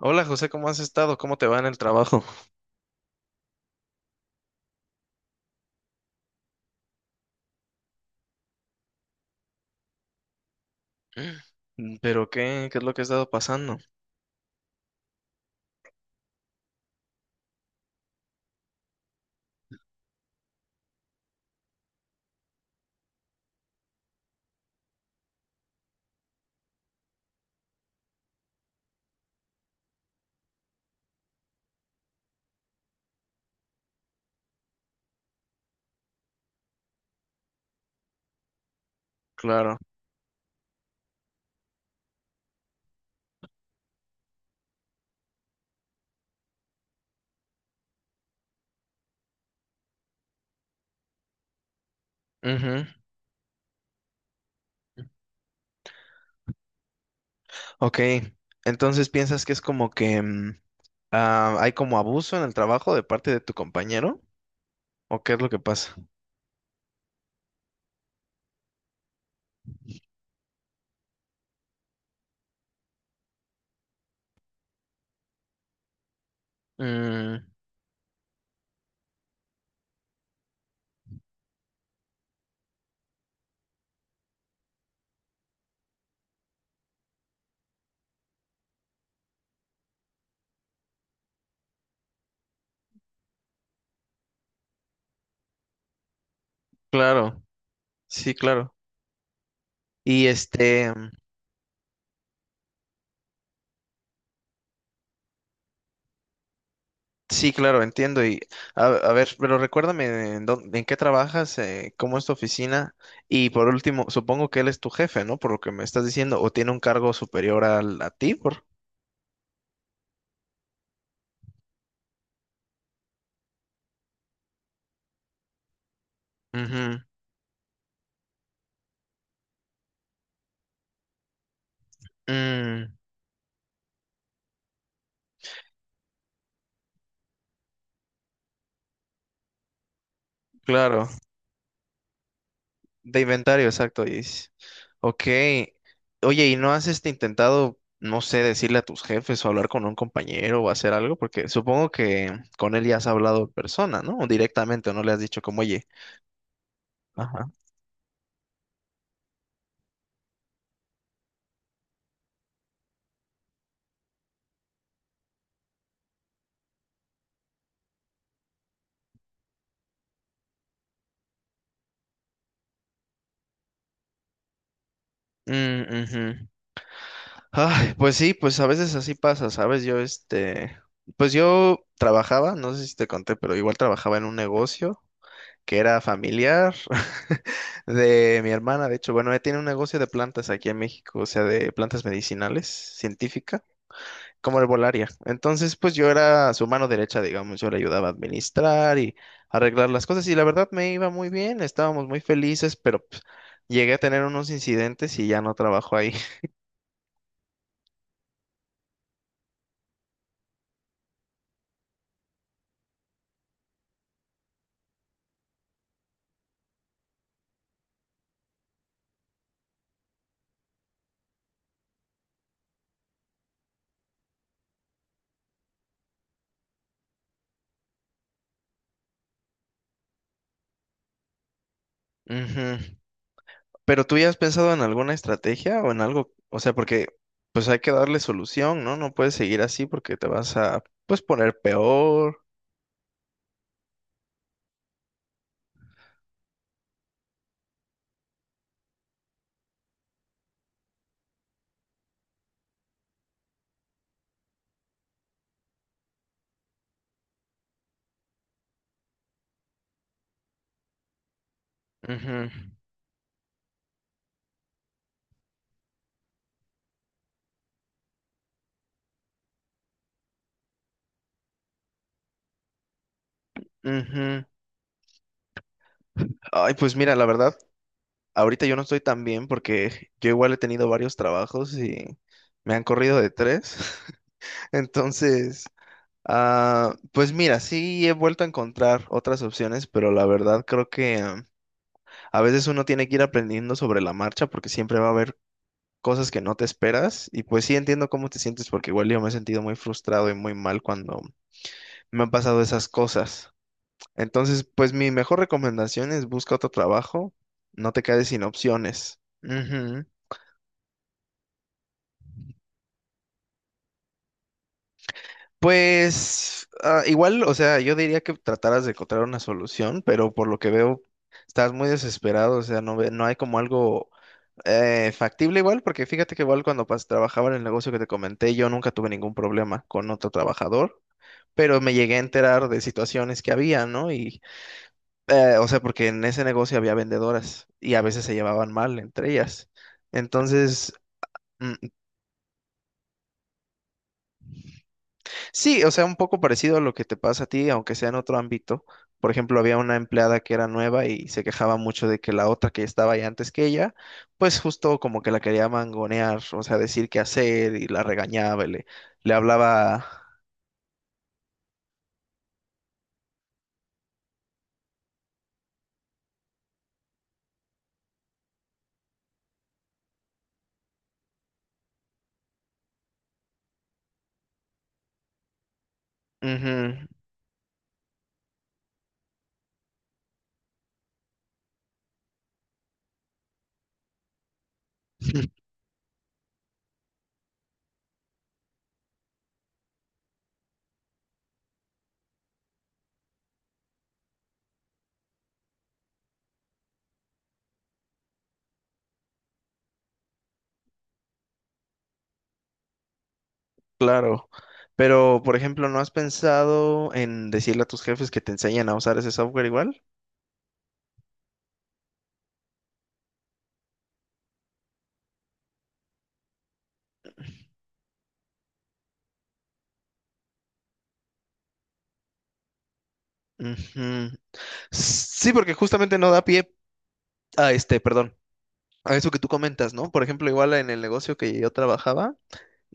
Hola José, ¿cómo has estado? ¿Cómo te va en el trabajo? Mm, ¿pero qué? ¿Qué es lo que ha estado pasando? Claro. Ujú. Ok, entonces piensas que es como que hay como abuso en el trabajo de parte de tu compañero, ¿o qué es lo que pasa? Mm, claro, sí, claro. Y sí, claro, entiendo. Y a ver, pero recuérdame en qué trabajas, cómo es tu oficina. Y por último, supongo que él es tu jefe, ¿no? Por lo que me estás diciendo, o tiene un cargo superior a ti, por... Ujú. Mm, claro, de inventario, exacto. Ok. Oye, ¿y no has intentado, no sé, decirle a tus jefes o hablar con un compañero o hacer algo? Porque supongo que con él ya has hablado en persona, ¿no? O directamente, o no le has dicho como, oye. Ajá. Mm, ujú. Ay, pues sí, pues a veces así pasa, ¿sabes? Pues yo trabajaba, no sé si te conté, pero igual trabajaba en un negocio que era familiar de mi hermana, de hecho, bueno, ella tiene un negocio de plantas aquí en México, o sea, de plantas medicinales, científica, como herbolaria. Entonces, pues yo era su mano derecha, digamos, yo le ayudaba a administrar y arreglar las cosas y la verdad me iba muy bien, estábamos muy felices, pero pues, llegué a tener unos incidentes y ya no trabajo ahí. Ujú. Pero tú ya has pensado en alguna estrategia o en algo, o sea, porque pues hay que darle solución, ¿no? No puedes seguir así porque te vas a pues poner peor. Ujú, ujú. Ay, pues mira, la verdad, ahorita yo no estoy tan bien porque yo igual he tenido varios trabajos y me han corrido de tres. Entonces, pues mira, sí he vuelto a encontrar otras opciones, pero la verdad creo que a veces uno tiene que ir aprendiendo sobre la marcha porque siempre va a haber cosas que no te esperas y pues sí entiendo cómo te sientes porque igual yo me he sentido muy frustrado y muy mal cuando me han pasado esas cosas. Entonces, pues mi mejor recomendación es busca otro trabajo, no te quedes sin opciones. Ujú. Pues igual, o sea, yo diría que trataras de encontrar una solución, pero por lo que veo, estás muy desesperado, o sea, no hay como algo factible igual, porque fíjate que igual trabajaba en el negocio que te comenté, yo nunca tuve ningún problema con otro trabajador. Pero me llegué a enterar de situaciones que había, ¿no? O sea, porque en ese negocio había vendedoras y a veces se llevaban mal entre ellas. Entonces, mm, sí, o sea, un poco parecido a lo que te pasa a ti, aunque sea en otro ámbito. Por ejemplo, había una empleada que era nueva y se quejaba mucho de que la otra que estaba ahí antes que ella, pues justo como que la quería mangonear, o sea, decir qué hacer y la regañaba le hablaba... Ujú. Claro, pero por ejemplo, ¿no has pensado en decirle a tus jefes que te enseñen a usar ese software igual? Ujú. Sí, porque justamente no da pie a perdón, a eso que tú comentas, ¿no? Por ejemplo, igual en el negocio que yo trabajaba,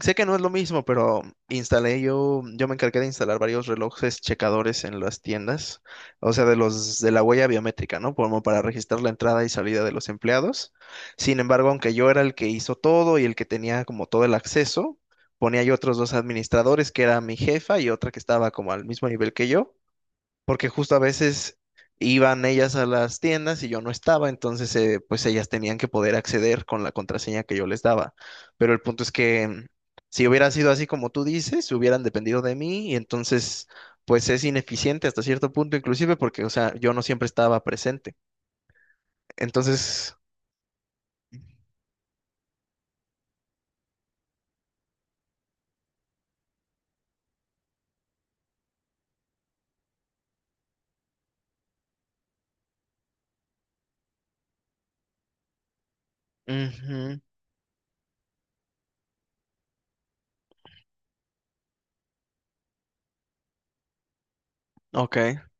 sé que no es lo mismo, pero yo me encargué de instalar varios relojes checadores en las tiendas, o sea, de los de la huella biométrica, ¿no? Como para registrar la entrada y salida de los empleados. Sin embargo, aunque yo era el que hizo todo y el que tenía como todo el acceso, ponía yo otros dos administradores, que era mi jefa y otra que estaba como al mismo nivel que yo, porque justo a veces iban ellas a las tiendas y yo no estaba, entonces pues ellas tenían que poder acceder con la contraseña que yo les daba. Pero el punto es que mm, si hubiera sido así como tú dices, hubieran dependido de mí y entonces pues es ineficiente hasta cierto punto inclusive porque, o sea, yo no siempre estaba presente. Entonces, ujú, ok.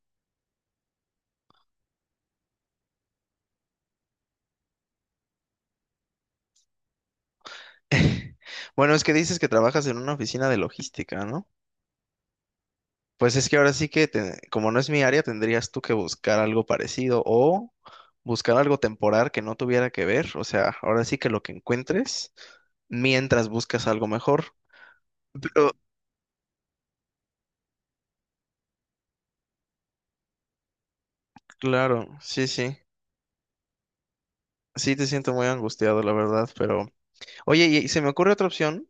Bueno, es que dices que trabajas en una oficina de logística, ¿no? Pues es que ahora sí que, como no es mi área, tendrías tú que buscar algo parecido o buscar algo temporal que no tuviera que ver. O sea, ahora sí que lo que encuentres mientras buscas algo mejor. Pero, claro, sí, sí. Sí te siento muy angustiado, la verdad, pero... Oye, y se me ocurre otra opción.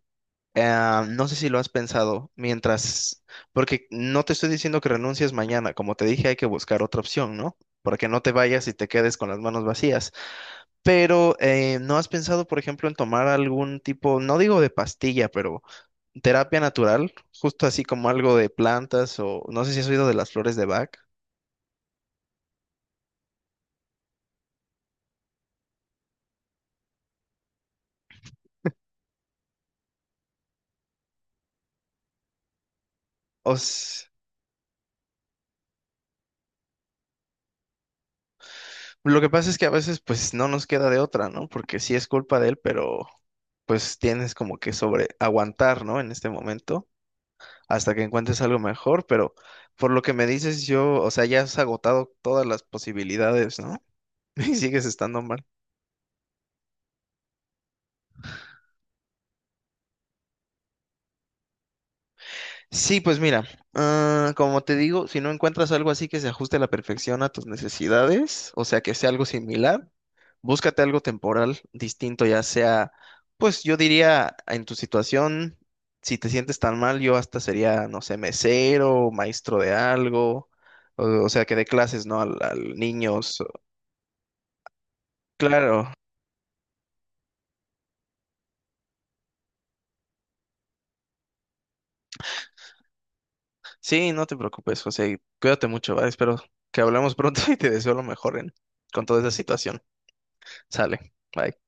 No sé si lo has pensado mientras... Porque no te estoy diciendo que renuncies mañana. Como te dije, hay que buscar otra opción, ¿no? Para que no te vayas y te quedes con las manos vacías. Pero ¿no has pensado, por ejemplo, en tomar algún tipo, no digo de pastilla, pero terapia natural, justo así como algo de plantas o no sé si has oído de las flores de Bach? O s- lo que pasa es que a veces pues no nos queda de otra, ¿no? Porque sí es culpa de él, pero pues tienes como que sobre aguantar, ¿no? En este momento hasta que encuentres algo mejor, pero por lo que me dices yo, o sea, ya has agotado todas las posibilidades, ¿no? Y sigues estando mal. Sí, pues mira, como te digo, si no encuentras algo así que se ajuste a la perfección a tus necesidades, o sea, que sea algo similar, búscate algo temporal distinto, ya sea, pues yo diría, en tu situación, si te sientes tan mal, yo hasta sería, no sé, mesero, maestro de algo, o sea, que dé clases, ¿no? Al niños. Claro, sí, no te preocupes, José, y cuídate mucho, ¿vale? Espero que hablemos pronto y te deseo lo mejor en, con toda esa situación. Sale, bye.